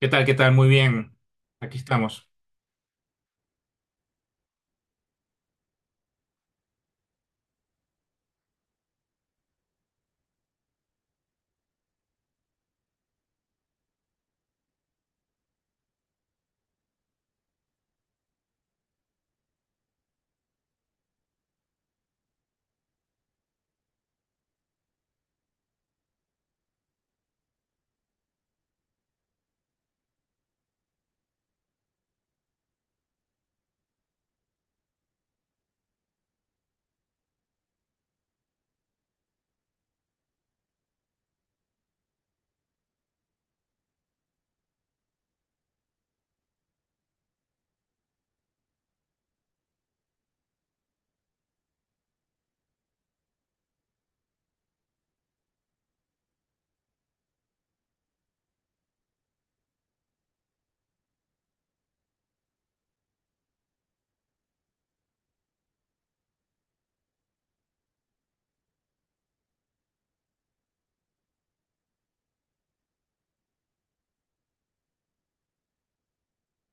¿Qué tal? ¿Qué tal? Muy bien. Aquí estamos.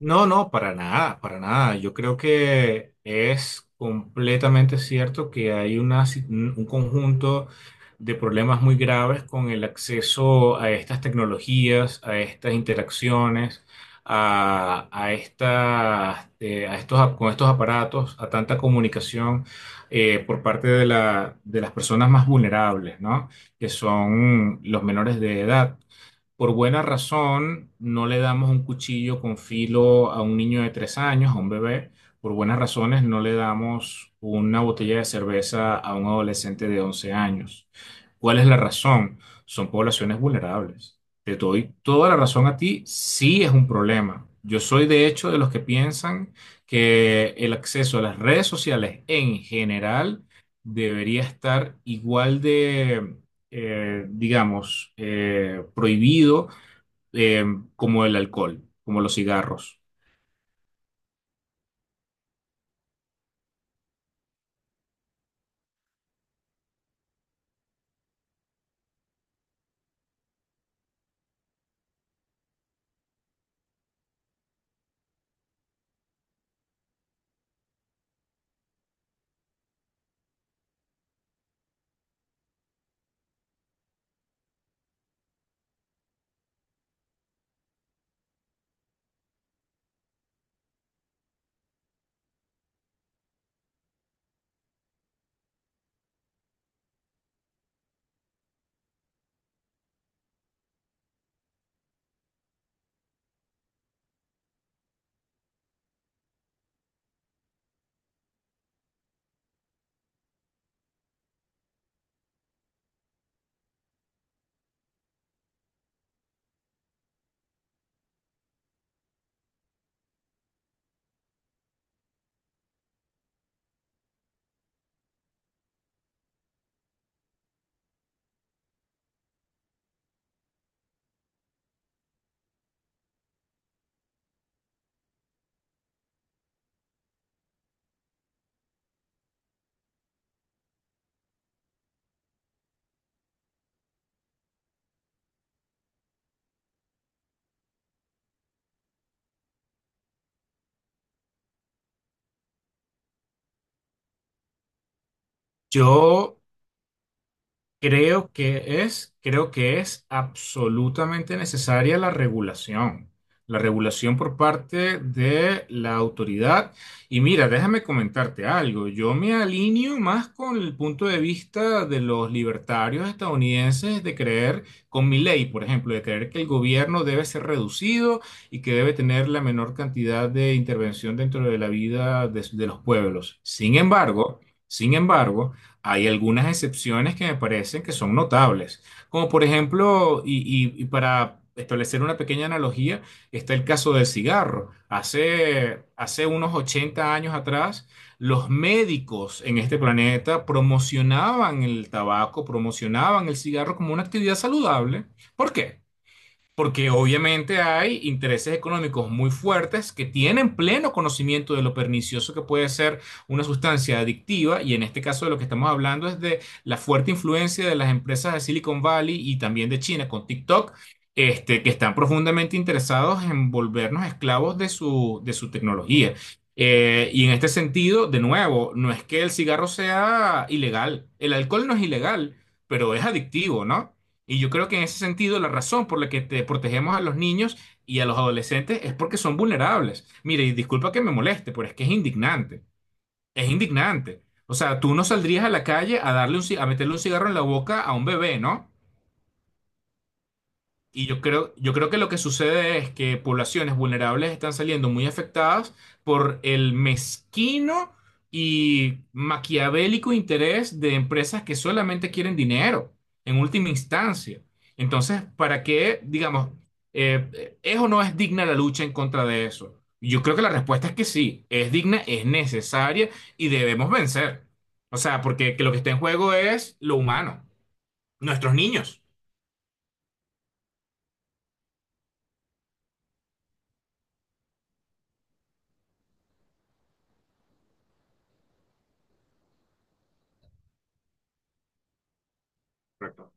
No, no, para nada, para nada. Yo creo que es completamente cierto que hay una, un conjunto de problemas muy graves con el acceso a estas tecnologías, a estas interacciones, a estas, a estos, con estos aparatos, a tanta comunicación por parte de las personas más vulnerables, ¿no? Que son los menores de edad. Por buena razón, no le damos un cuchillo con filo a un niño de 3 años, a un bebé. Por buenas razones, no le damos una botella de cerveza a un adolescente de 11 años. ¿Cuál es la razón? Son poblaciones vulnerables. Te doy toda la razón a ti, sí es un problema. Yo soy de hecho de los que piensan que el acceso a las redes sociales en general debería estar igual de digamos, prohibido, eh, como el alcohol, como los cigarros. Yo creo que es absolutamente necesaria la regulación por parte de la autoridad. Y mira, déjame comentarte algo. Yo me alineo más con el punto de vista de los libertarios estadounidenses de creer, con mi ley, por ejemplo, de creer que el gobierno debe ser reducido y que debe tener la menor cantidad de intervención dentro de la vida de los pueblos. Sin embargo, hay algunas excepciones que me parecen que son notables, como por ejemplo, y para establecer una pequeña analogía, está el caso del cigarro. Hace unos 80 años atrás, los médicos en este planeta promocionaban el tabaco, promocionaban el cigarro como una actividad saludable. ¿Por qué? Porque obviamente hay intereses económicos muy fuertes que tienen pleno conocimiento de lo pernicioso que puede ser una sustancia adictiva, y en este caso de lo que estamos hablando es de la fuerte influencia de las empresas de Silicon Valley y también de China con TikTok, que están profundamente interesados en volvernos esclavos de su tecnología. Y en este sentido, de nuevo, no es que el cigarro sea ilegal, el alcohol no es ilegal, pero es adictivo, ¿no? Y yo creo que en ese sentido la razón por la que te protegemos a los niños y a los adolescentes es porque son vulnerables. Mire, y disculpa que me moleste, pero es que es indignante. Es indignante. O sea, tú no saldrías a la calle a darle a meterle un cigarro en la boca a un bebé, ¿no? Y yo creo que lo que sucede es que poblaciones vulnerables están saliendo muy afectadas por el mezquino y maquiavélico interés de empresas que solamente quieren dinero, en última instancia. Entonces, ¿para qué, digamos, es o no es digna la lucha en contra de eso? Yo creo que la respuesta es que sí, es digna, es necesaria, y debemos vencer. O sea, porque que lo que está en juego es lo humano, nuestros niños. Correcto.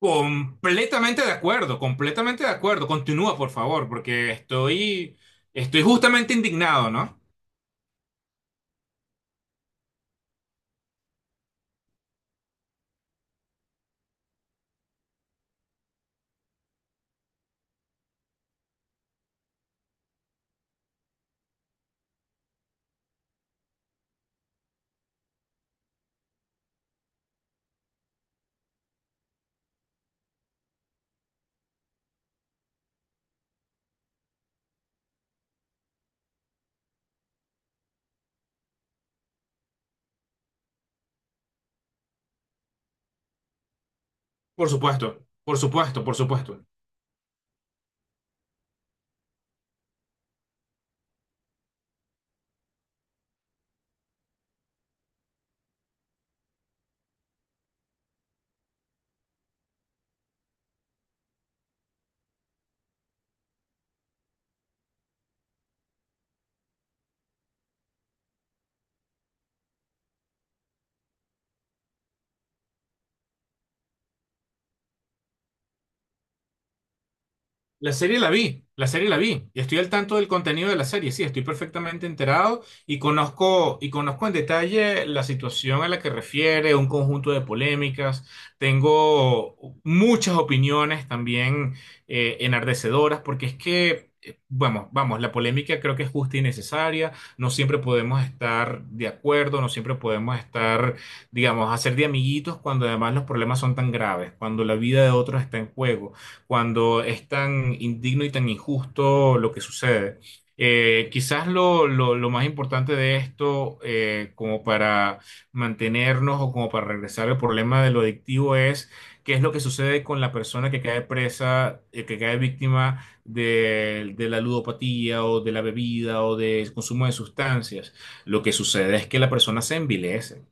Completamente de acuerdo, completamente de acuerdo. Continúa, por favor, porque estoy justamente indignado, ¿no? Por supuesto, por supuesto, por supuesto. La serie la vi, la serie la vi, y estoy al tanto del contenido de la serie, sí, estoy perfectamente enterado y conozco, en detalle la situación a la que refiere, un conjunto de polémicas, tengo muchas opiniones también enardecedoras, porque es que, vamos, vamos, la polémica creo que es justa y necesaria, no siempre podemos estar de acuerdo, no siempre podemos estar, digamos, hacer de amiguitos cuando además los problemas son tan graves, cuando la vida de otros está en juego, cuando es tan indigno y tan injusto lo que sucede. Quizás lo más importante de esto, como para mantenernos o como para regresar al problema de lo adictivo, es qué es lo que sucede con la persona que cae presa, que cae víctima de la ludopatía o de la bebida o del consumo de sustancias. Lo que sucede es que la persona se envilece.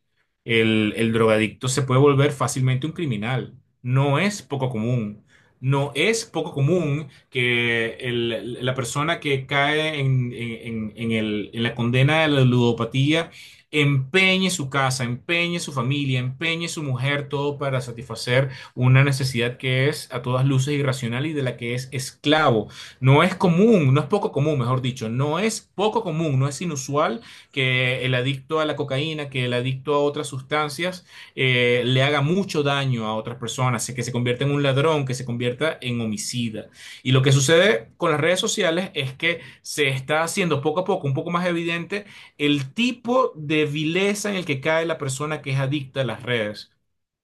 El drogadicto se puede volver fácilmente un criminal. No es poco común. No es poco común que la persona que cae en la condena de la ludopatía empeñe su casa, empeñe su familia, empeñe su mujer, todo para satisfacer una necesidad que es a todas luces irracional y de la que es esclavo. No es común, no es poco común, mejor dicho, no es poco común, no es inusual que el adicto a la cocaína, que el adicto a otras sustancias le haga mucho daño a otras personas, que se convierta en un ladrón, que se convierta en homicida. Y lo que sucede con las redes sociales es que se está haciendo poco a poco un poco más evidente el tipo de vileza en el que cae la persona que es adicta a las redes.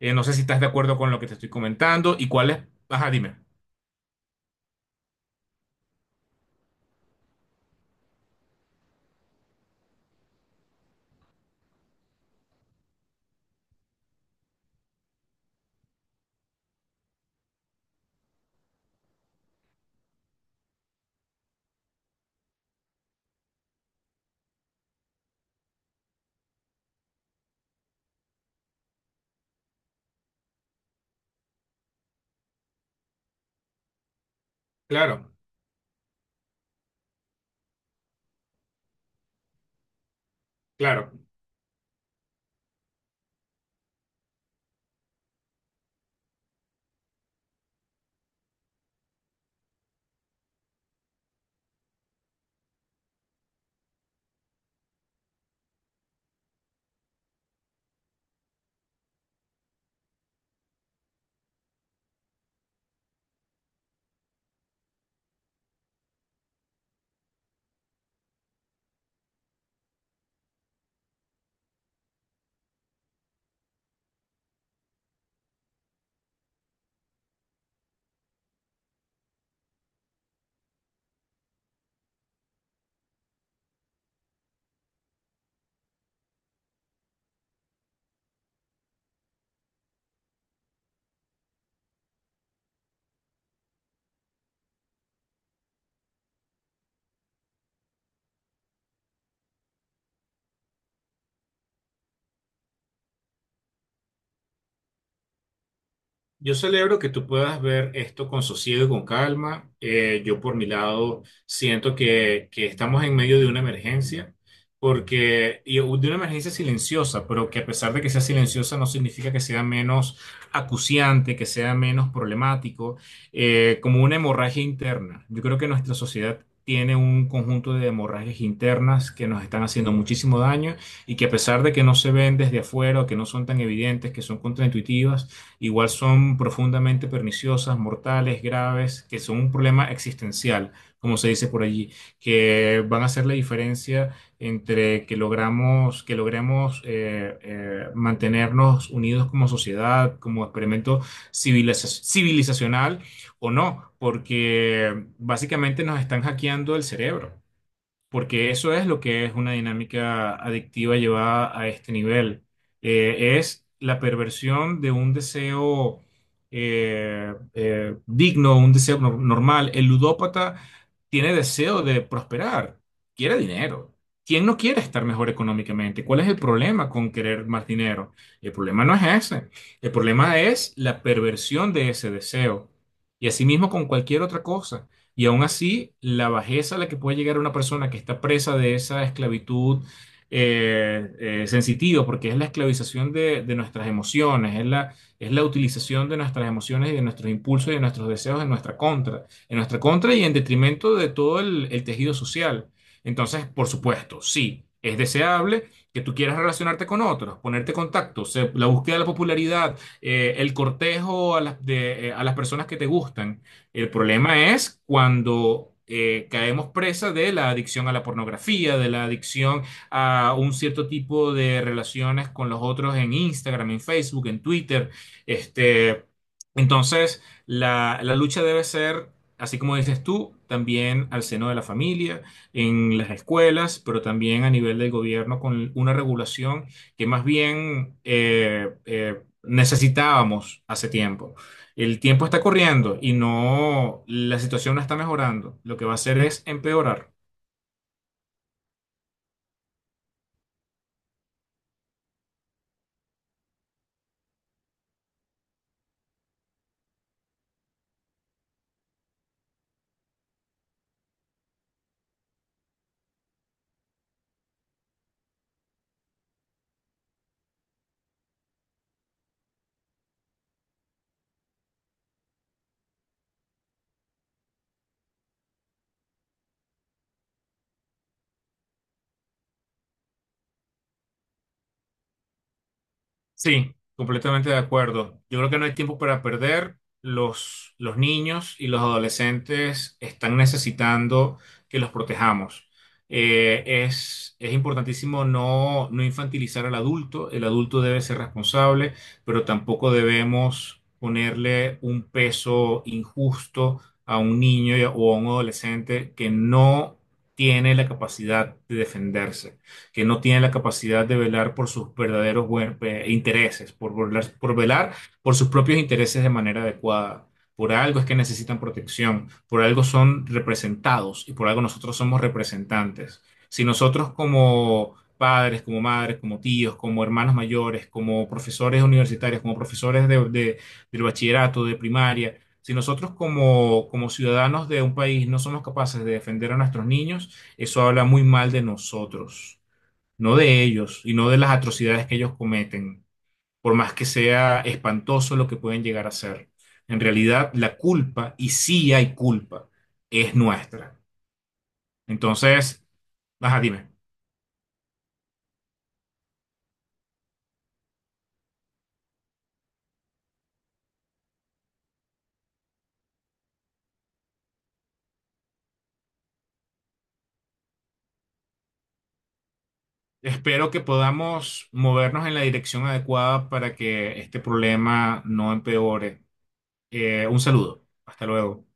No sé si estás de acuerdo con lo que te estoy comentando y cuál es... Ajá, dime. Claro, claro. Yo celebro que tú puedas ver esto con sosiego y con calma. Yo por mi lado siento que estamos en medio de una emergencia, porque y de una emergencia silenciosa, pero que a pesar de que sea silenciosa no significa que sea menos acuciante, que sea menos problemático, como una hemorragia interna. Yo creo que nuestra sociedad tiene un conjunto de hemorragias internas que nos están haciendo muchísimo daño, y que a pesar de que no se ven desde afuera o que no son tan evidentes, que son contraintuitivas, igual son profundamente perniciosas, mortales, graves, que son un problema existencial, como se dice por allí, que van a hacer la diferencia entre que logramos, que logremos mantenernos unidos como sociedad, como experimento civilizacional o no, porque básicamente nos están hackeando el cerebro, porque eso es lo que es una dinámica adictiva llevada a este nivel. Es la perversión de un deseo digno, un deseo normal. El ludópata tiene deseo de prosperar, quiere dinero. ¿Quién no quiere estar mejor económicamente? ¿Cuál es el problema con querer más dinero? El problema no es ese. El problema es la perversión de ese deseo. Y asimismo con cualquier otra cosa. Y aún así, la bajeza a la que puede llegar una persona que está presa de esa esclavitud eh, sensitiva, porque es la esclavización de, nuestras emociones, es la utilización de nuestras emociones y de nuestros impulsos y de nuestros deseos en nuestra contra y en detrimento de todo el tejido social. Entonces, por supuesto, sí, es deseable que tú quieras relacionarte con otros, ponerte contactos, la búsqueda de la popularidad, el cortejo a las personas que te gustan. El problema es cuando caemos presa de la adicción a la pornografía, de la adicción a un cierto tipo de relaciones con los otros en Instagram, en Facebook, en Twitter. Este, entonces, la lucha debe ser, así como dices tú, también al seno de la familia, en las escuelas, pero también a nivel del gobierno con una regulación que más bien necesitábamos hace tiempo. El tiempo está corriendo y no, la situación no está mejorando. Lo que va a hacer es empeorar. Sí, completamente de acuerdo. Yo creo que no hay tiempo para perder. Los niños y los adolescentes están necesitando que los protejamos. Es importantísimo no infantilizar al adulto. El adulto debe ser responsable, pero tampoco debemos ponerle un peso injusto a un niño y o a un adolescente que no tiene la capacidad de defenderse, que no tiene la capacidad de velar por sus verdaderos intereses, por velar por sus propios intereses de manera adecuada. Por algo es que necesitan protección, por algo son representados y por algo nosotros somos representantes. Si nosotros como padres, como madres, como tíos, como hermanos mayores, como profesores universitarios, como profesores del bachillerato, de primaria, si nosotros como, como ciudadanos de un país no somos capaces de defender a nuestros niños, eso habla muy mal de nosotros, no de ellos y no de las atrocidades que ellos cometen, por más que sea espantoso lo que pueden llegar a ser. En realidad, la culpa, y sí hay culpa, es nuestra. Entonces, ajá, dime. Espero que podamos movernos en la dirección adecuada para que este problema no empeore. Un saludo. Hasta luego.